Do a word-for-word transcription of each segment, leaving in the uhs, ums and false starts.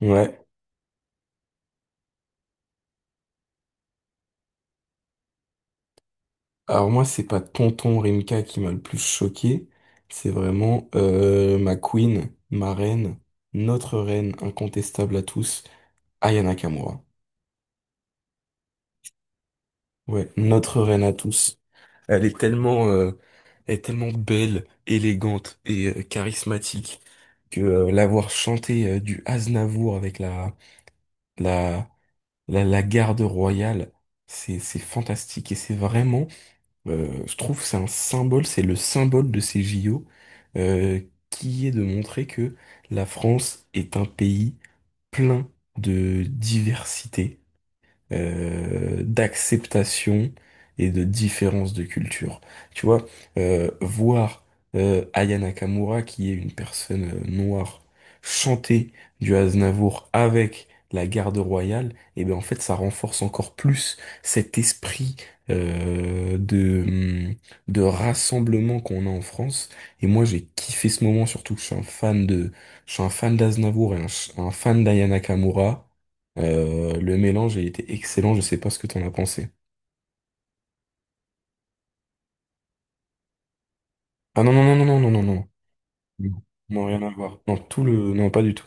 Ouais. Alors moi, c'est pas Tonton Rimka qui m'a le plus choqué, c'est vraiment euh, ma queen, ma reine, notre reine incontestable à tous, Aya Nakamura. Ouais, notre reine à tous. Elle est tellement, euh, elle est tellement belle, élégante et euh, charismatique que euh, l'avoir chanté euh, du Aznavour avec la la la, la garde royale, c'est c'est fantastique et c'est vraiment. Euh, je trouve que c'est un symbole, c'est le symbole de ces J O, euh, qui est de montrer que la France est un pays plein de diversité, euh, d'acceptation et de différence de culture. Tu vois, euh, voir euh, Aya Nakamura, qui est une personne euh, noire, chanter du Aznavour avec la garde royale, et bien en fait, ça renforce encore plus cet esprit euh, de, hum, de rassemblement qu'on a en France. Et moi, j'ai kiffé ce moment, surtout que je suis un fan de, je suis un fan d'Aznavour et un, ch- un fan d'Aya Nakamura. Euh, le mélange a été excellent, je sais pas ce que t'en as pensé. Ah non, non, non, non, non, non, non, non. Non, non, rien à voir. Non, tout le... Non, pas du tout.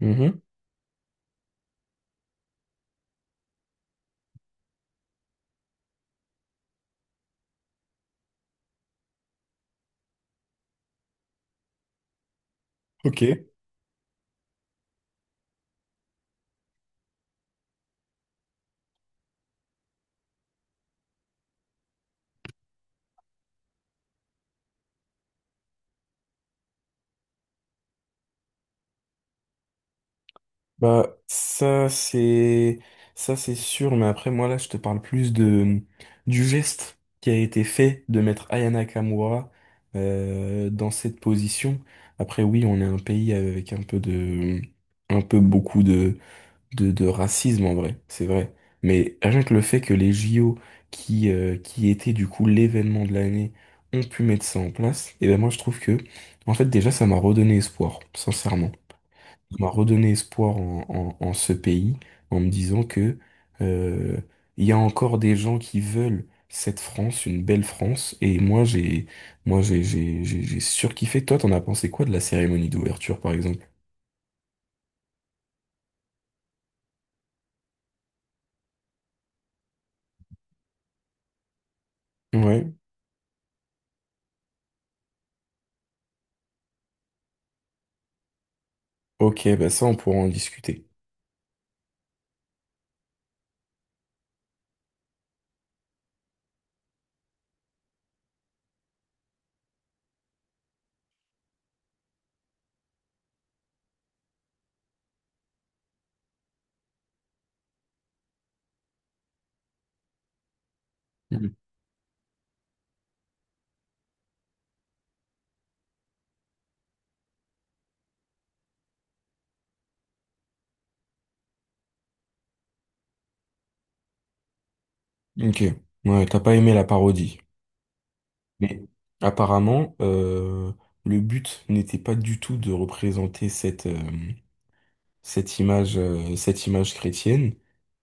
Mhm. Ok. Bah, ça, c'est... Ça, c'est sûr, mais après, moi, là, je te parle plus de... du geste qui a été fait de mettre Ayana Kamura euh, dans cette position. Après, oui, on est un pays avec un peu de... un peu beaucoup de de, de racisme en vrai, c'est vrai. Mais rien que le fait que les J O, qui, euh, qui étaient du coup l'événement de l'année, ont pu mettre ça en place, et ben moi je trouve que, en fait déjà ça m'a redonné espoir, sincèrement. Ça m'a redonné espoir en, en, en ce pays, en me disant que euh, il y a encore des gens qui veulent cette France, une belle France, et moi j'ai moi j'ai j'ai j'ai j'ai surkiffé. Toi, t'en as pensé quoi de la cérémonie d'ouverture par exemple? Ouais, ok, bah ça on pourra en discuter. Ok. Ouais, t'as pas aimé la parodie. Mais apparemment, euh, le but n'était pas du tout de représenter cette, euh, cette image, euh, cette image chrétienne.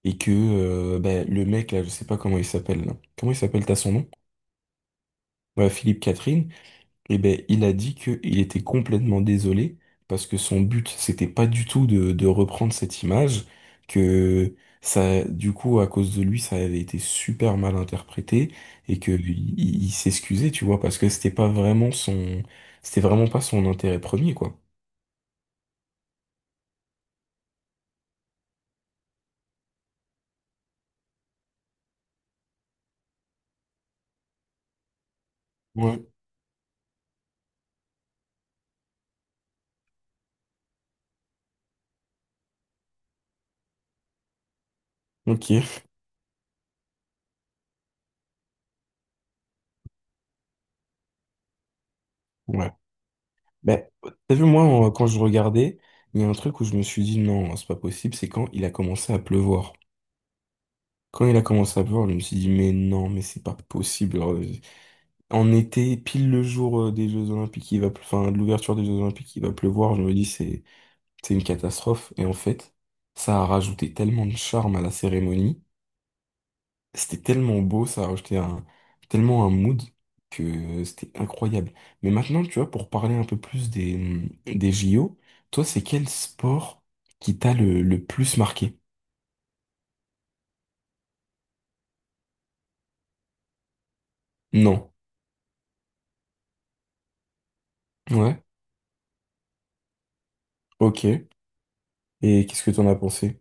Et que euh, bah, le mec, là, je sais pas comment il s'appelle. Là. Comment il s'appelle, t'as son nom? Ouais, Philippe Catherine. Eh ben, il a dit qu'il était complètement désolé parce que son but, c'était pas du tout de, de reprendre cette image, que ça, du coup, à cause de lui, ça avait été super mal interprété et que il, il- il s'excusait, tu vois, parce que c'était pas vraiment son, c'était vraiment pas son intérêt premier, quoi. Ouais. Ok, ouais. Ben, t'as vu, moi, en- quand je regardais, il y a un truc où je me suis dit, non, c'est pas possible, c'est quand il a commencé à pleuvoir. Quand il a commencé à pleuvoir, je me suis dit, mais non, mais c'est pas possible. On était pile le jour euh, des Jeux Olympiques, il va, pleu- enfin, de l'ouverture des Jeux Olympiques, il va pleuvoir. Je me dis, c'est, c'est une catastrophe. Et en fait, ça a rajouté tellement de charme à la cérémonie. C'était tellement beau, ça a rajouté un, tellement un mood que c'était incroyable. Mais maintenant, tu vois, pour parler un peu plus des, mm, des J O, toi, c'est quel sport qui t'a le, le plus marqué? Non. Ouais. Ok. Et qu'est-ce que t'en as pensé?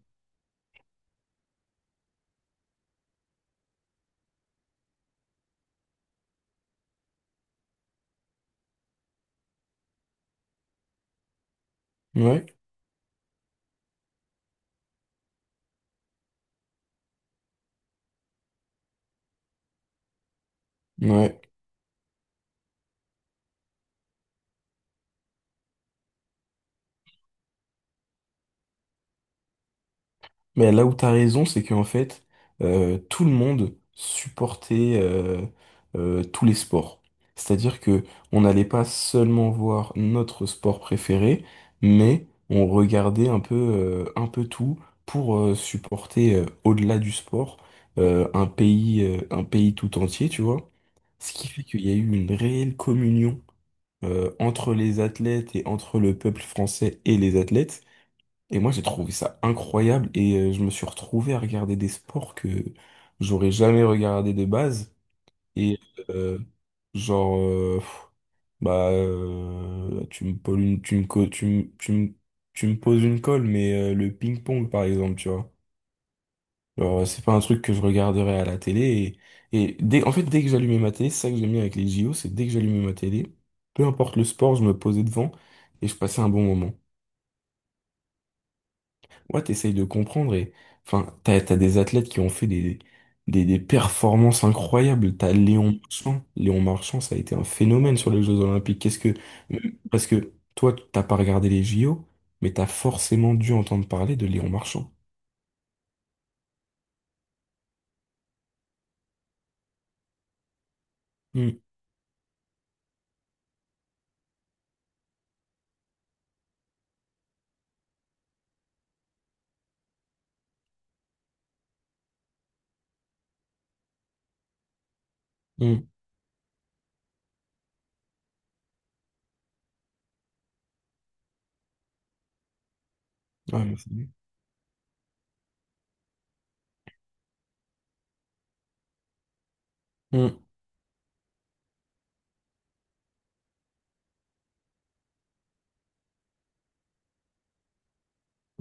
Ouais. Ouais. Mais là où t'as raison, c'est qu'en fait, euh, tout le monde supportait euh, euh, tous les sports. C'est-à-dire que on n'allait pas seulement voir notre sport préféré, mais on regardait un peu, euh, un peu tout pour euh, supporter euh, au-delà du sport euh, un pays, euh, un pays tout entier, tu vois. Ce qui fait qu'il y a eu une réelle communion euh, entre les athlètes et entre le peuple français et les athlètes. Et moi, j'ai trouvé ça incroyable et euh, je me suis retrouvé à regarder des sports que j'aurais jamais regardé de base. Et euh, genre, euh, pff, bah, euh, tu me poses une, tu me, co- tu me, tu me, tu me poses une colle, mais euh, le ping-pong, par exemple, tu vois. Genre, c'est pas un truc que je regarderais à la télé. Et, et dès, en fait, dès que j'allumais ma télé, c'est ça que j'aime bien avec les J O, c'est dès que j'allumais ma télé, peu importe le sport, je me posais devant et je passais un bon moment. Ouais, t'essayes de comprendre et enfin, t'as, t'as des athlètes qui ont fait des, des, des performances incroyables. T'as Léon Marchand. Léon Marchand, ça a été un phénomène sur les Jeux Olympiques. Qu'est-ce que. Parce que toi, t'as pas regardé les J O, mais t'as forcément dû entendre parler de Léon Marchand. Hmm, hmm. Ouais, mais c'est lui. Hmm,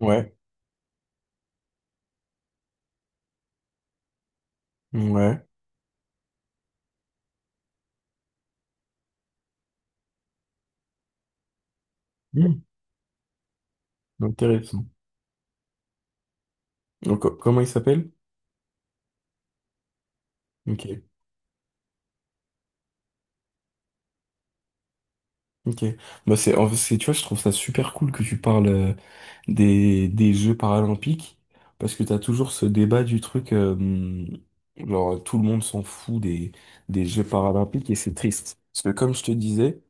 ouais, ouais. Hmm, intéressant. Donc, co- comment il s'appelle? Ok. Ok. Bah c'est, en fait, c'est- tu vois, je trouve ça super cool que tu parles euh, des, des Jeux paralympiques parce que t'as toujours ce débat du truc, euh, hum, genre tout le monde s'en fout des, des Jeux paralympiques et c'est triste. Parce que comme je te disais,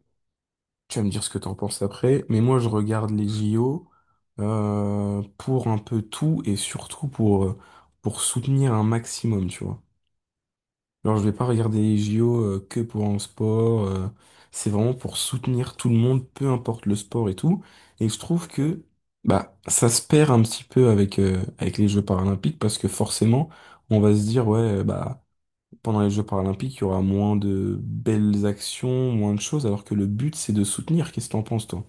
tu vas me dire ce que t'en penses après, mais moi je regarde les J O euh, pour un peu tout et surtout pour, euh, pour soutenir un maximum, tu vois. Alors, je vais pas regarder les J O euh, que pour un sport. Euh, c'est vraiment pour soutenir tout le monde, peu importe le sport et tout. Et je trouve que bah ça se perd un petit peu avec euh, avec les Jeux paralympiques parce que forcément, on va se dire ouais euh, bah pendant les Jeux paralympiques, il y aura moins de belles actions, moins de choses, alors que le but c'est de soutenir. Qu'est-ce que t'en penses toi?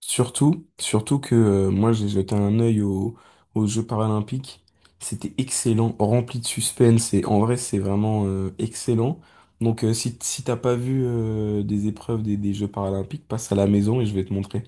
Surtout, surtout que euh, moi j'ai jeté un œil au- aux Jeux paralympiques. C'était excellent, rempli de suspense et en vrai c'est vraiment euh, excellent. Donc euh, si, si t'as pas vu euh, des épreuves des, des Jeux paralympiques, passe à la maison et je vais te montrer.